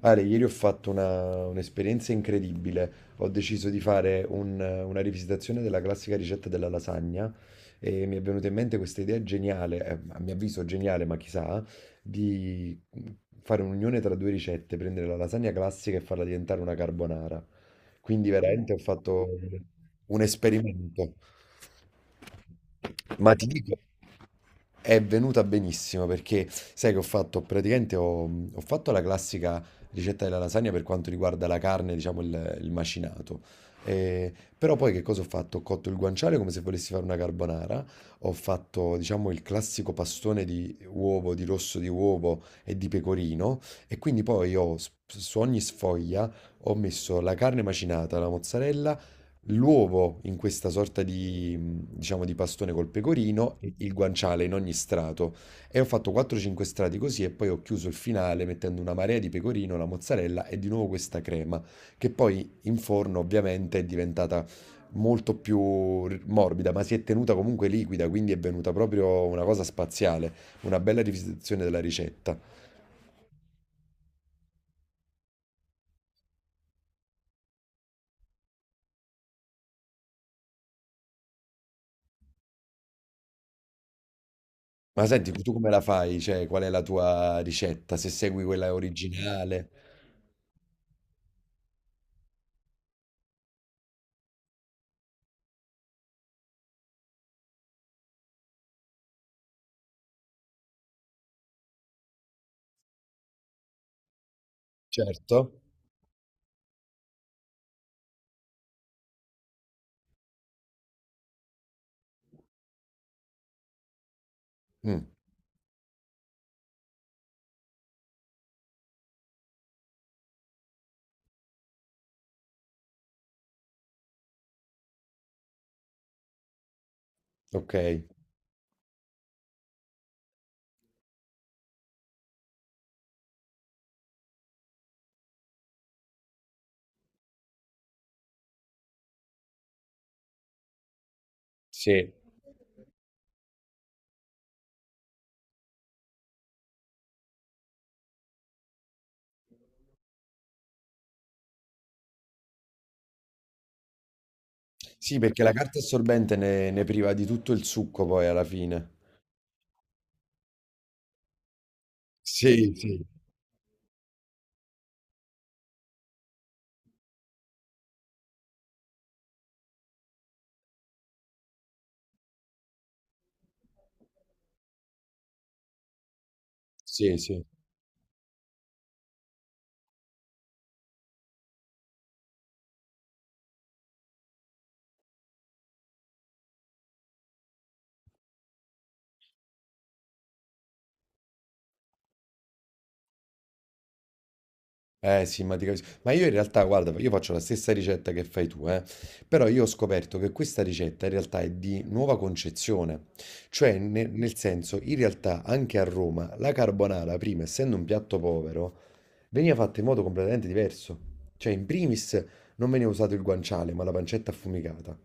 Ale, ieri ho fatto un'esperienza incredibile. Ho deciso di fare una rivisitazione della classica ricetta della lasagna e mi è venuta in mente questa idea geniale, a mio avviso geniale, ma chissà, di fare un'unione tra due ricette, prendere la lasagna classica e farla diventare una carbonara. Quindi veramente ho fatto un esperimento. Ma ti dico, è venuta benissimo perché sai che ho fatto praticamente ho fatto la classica ricetta della lasagna per quanto riguarda la carne, diciamo il macinato. Eh, Però poi che cosa ho fatto? Ho cotto il guanciale come se volessi fare una carbonara, ho fatto diciamo il classico pastone di uovo, di rosso di uovo e di pecorino e quindi poi ho su ogni sfoglia ho messo la carne macinata, la mozzarella, l'uovo in questa sorta di, diciamo, di pastone col pecorino e il guanciale in ogni strato. E ho fatto 4-5 strati così e poi ho chiuso il finale mettendo una marea di pecorino, la mozzarella e di nuovo questa crema, che poi in forno ovviamente è diventata molto più morbida, ma si è tenuta comunque liquida, quindi è venuta proprio una cosa spaziale, una bella rivisitazione della ricetta. Ma senti, tu come la fai? Cioè, qual è la tua ricetta? Se segui quella originale? Certo. Mm. Ok, sì. Sì, perché la carta assorbente ne priva di tutto il succo poi alla fine. Sì, sì, sì, sì. Eh sì, ma ti capisco. Ma io in realtà, guarda, io faccio la stessa ricetta che fai tu, eh. Però io ho scoperto che questa ricetta in realtà è di nuova concezione. Cioè, nel senso, in realtà anche a Roma la carbonara, prima, essendo un piatto povero, veniva fatta in modo completamente diverso. Cioè, in primis non veniva usato il guanciale, ma la pancetta affumicata.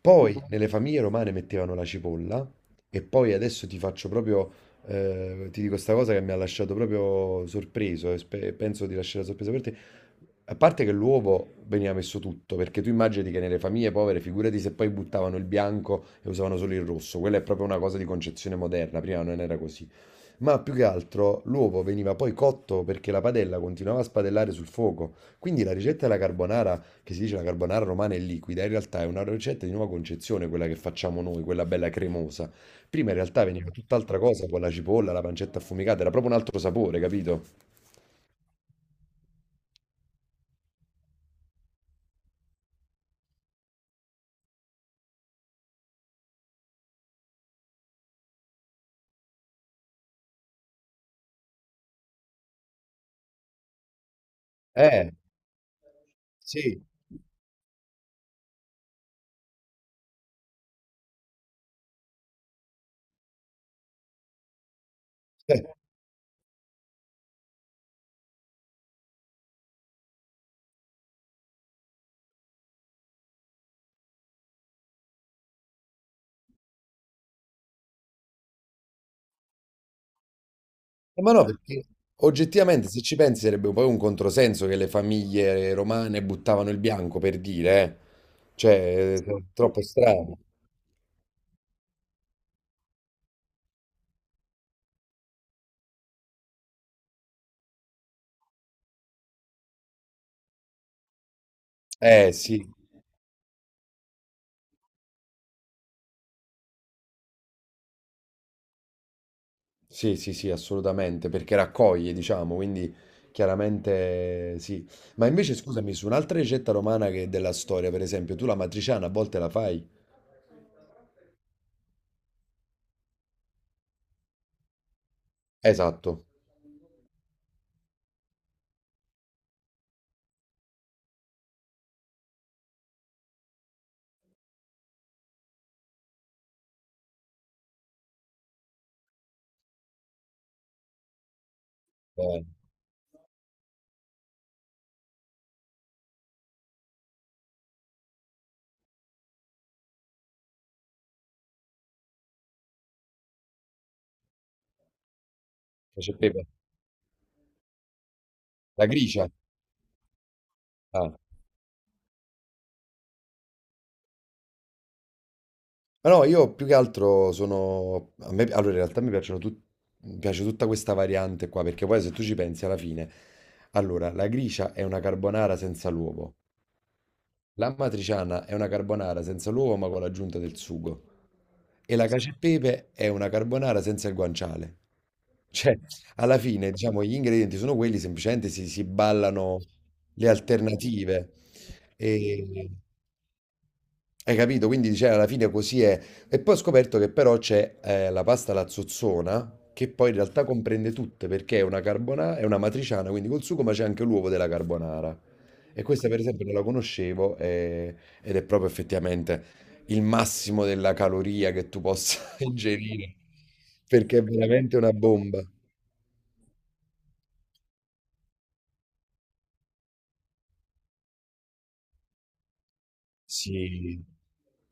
Poi nelle famiglie romane mettevano la cipolla e poi adesso ti faccio proprio, ti dico sta cosa che mi ha lasciato proprio sorpreso e penso di lasciare sorpresa per te. A parte che l'uovo veniva messo tutto, perché tu immagini che nelle famiglie povere, figurati se poi buttavano il bianco e usavano solo il rosso, quella è proprio una cosa di concezione moderna, prima non era così. Ma più che altro l'uovo veniva poi cotto perché la padella continuava a spadellare sul fuoco. Quindi la ricetta della carbonara, che si dice la carbonara romana è liquida, in realtà è una ricetta di nuova concezione, quella che facciamo noi, quella bella cremosa. Prima in realtà veniva tutt'altra cosa con la cipolla, la pancetta affumicata, era proprio un altro sapore, capito? Eh, sì. Eh, ma no, perché oggettivamente se ci pensi sarebbe poi un controsenso che le famiglie romane buttavano il bianco per dire, eh. Cioè, è troppo strano. Eh sì, sì, sì, sì, assolutamente, perché raccoglie, diciamo, quindi chiaramente sì. Ma invece scusami, su un'altra ricetta romana che è della storia, per esempio, tu la matriciana a volte la fai? Esatto, eh, cacio e pepe. La gricia. Ah. Ma no, io più che altro Allora, in realtà mi piacciono mi piace tutta questa variante qua, perché poi se tu ci pensi alla fine. Allora, la gricia è una carbonara senza l'uovo. L'amatriciana è una carbonara senza l'uovo ma con l'aggiunta del sugo. E la cacio e pepe è una carbonara senza il guanciale. Cioè, alla fine, diciamo, gli ingredienti sono quelli, semplicemente si ballano le alternative. E, hai capito? Quindi cioè, alla fine così è. E poi ho scoperto che però c'è la pasta alla zozzona, che poi in realtà comprende tutte, perché è una carbonara, è una matriciana, quindi col sugo, ma c'è anche l'uovo della carbonara. E questa per esempio non la conoscevo ed è proprio effettivamente il massimo della caloria che tu possa ingerire, perché è veramente una bomba. Sì,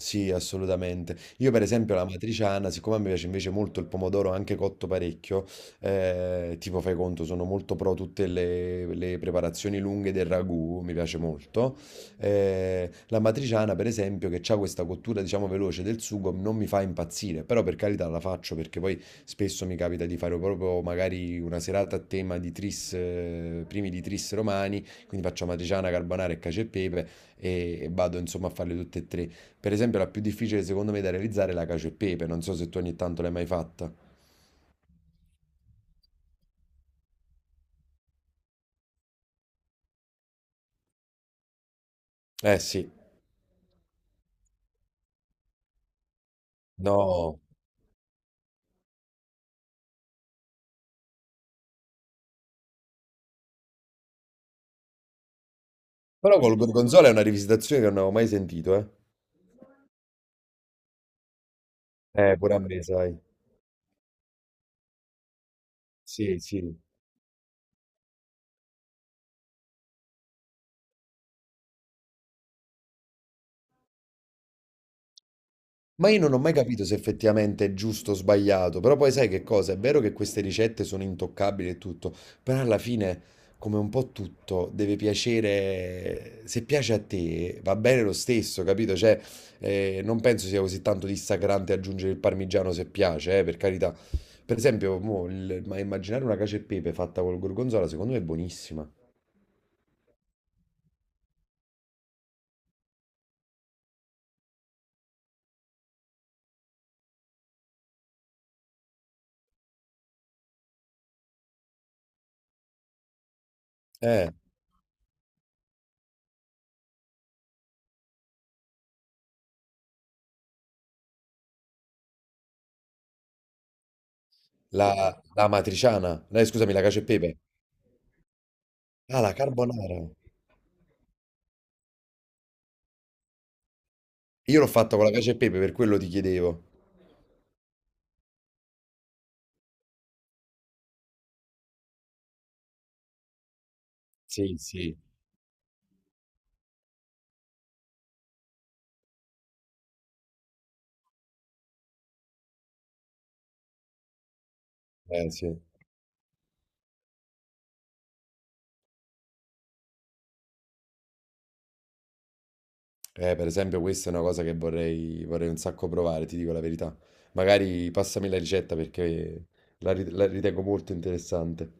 sì, assolutamente. Io per esempio la matriciana, siccome a me piace invece molto il pomodoro anche cotto parecchio, tipo fai conto, sono molto pro tutte le preparazioni lunghe del ragù, mi piace molto. La matriciana per esempio che ha questa cottura diciamo veloce del sugo non mi fa impazzire, però per carità la faccio perché poi spesso mi capita di fare proprio magari una serata a tema di tris, primi di tris romani, quindi faccio matriciana, carbonara e cacio e pepe e e vado insomma a farle tutte e tre. Per esempio, la più difficile secondo me da realizzare è la cacio e pepe. Non so se tu ogni tanto l'hai mai fatta. Eh sì, no. Però col gorgonzola è una rivisitazione che non avevo mai sentito, eh. Pure a me, sai. Sì, sì. Ma io non ho mai capito se effettivamente è giusto o sbagliato, però poi sai che cosa? È vero che queste ricette sono intoccabili e tutto, però alla fine, come un po' tutto, deve piacere, se piace a te va bene lo stesso, capito? Cioè, non penso sia così tanto dissacrante aggiungere il parmigiano se piace, per carità. Per esempio, mo, ma immaginare una cacio e pepe fatta col gorgonzola, secondo me è buonissima. Eh, la matriciana, no, scusami, la cacio e pepe. Ah, la carbonara. Io l'ho fatta con la cacio e pepe, per quello ti chiedevo. Sì, sì. Eh sì, per esempio questa è una cosa che vorrei un sacco provare, ti dico la verità. Magari passami la ricetta perché la ritengo molto interessante.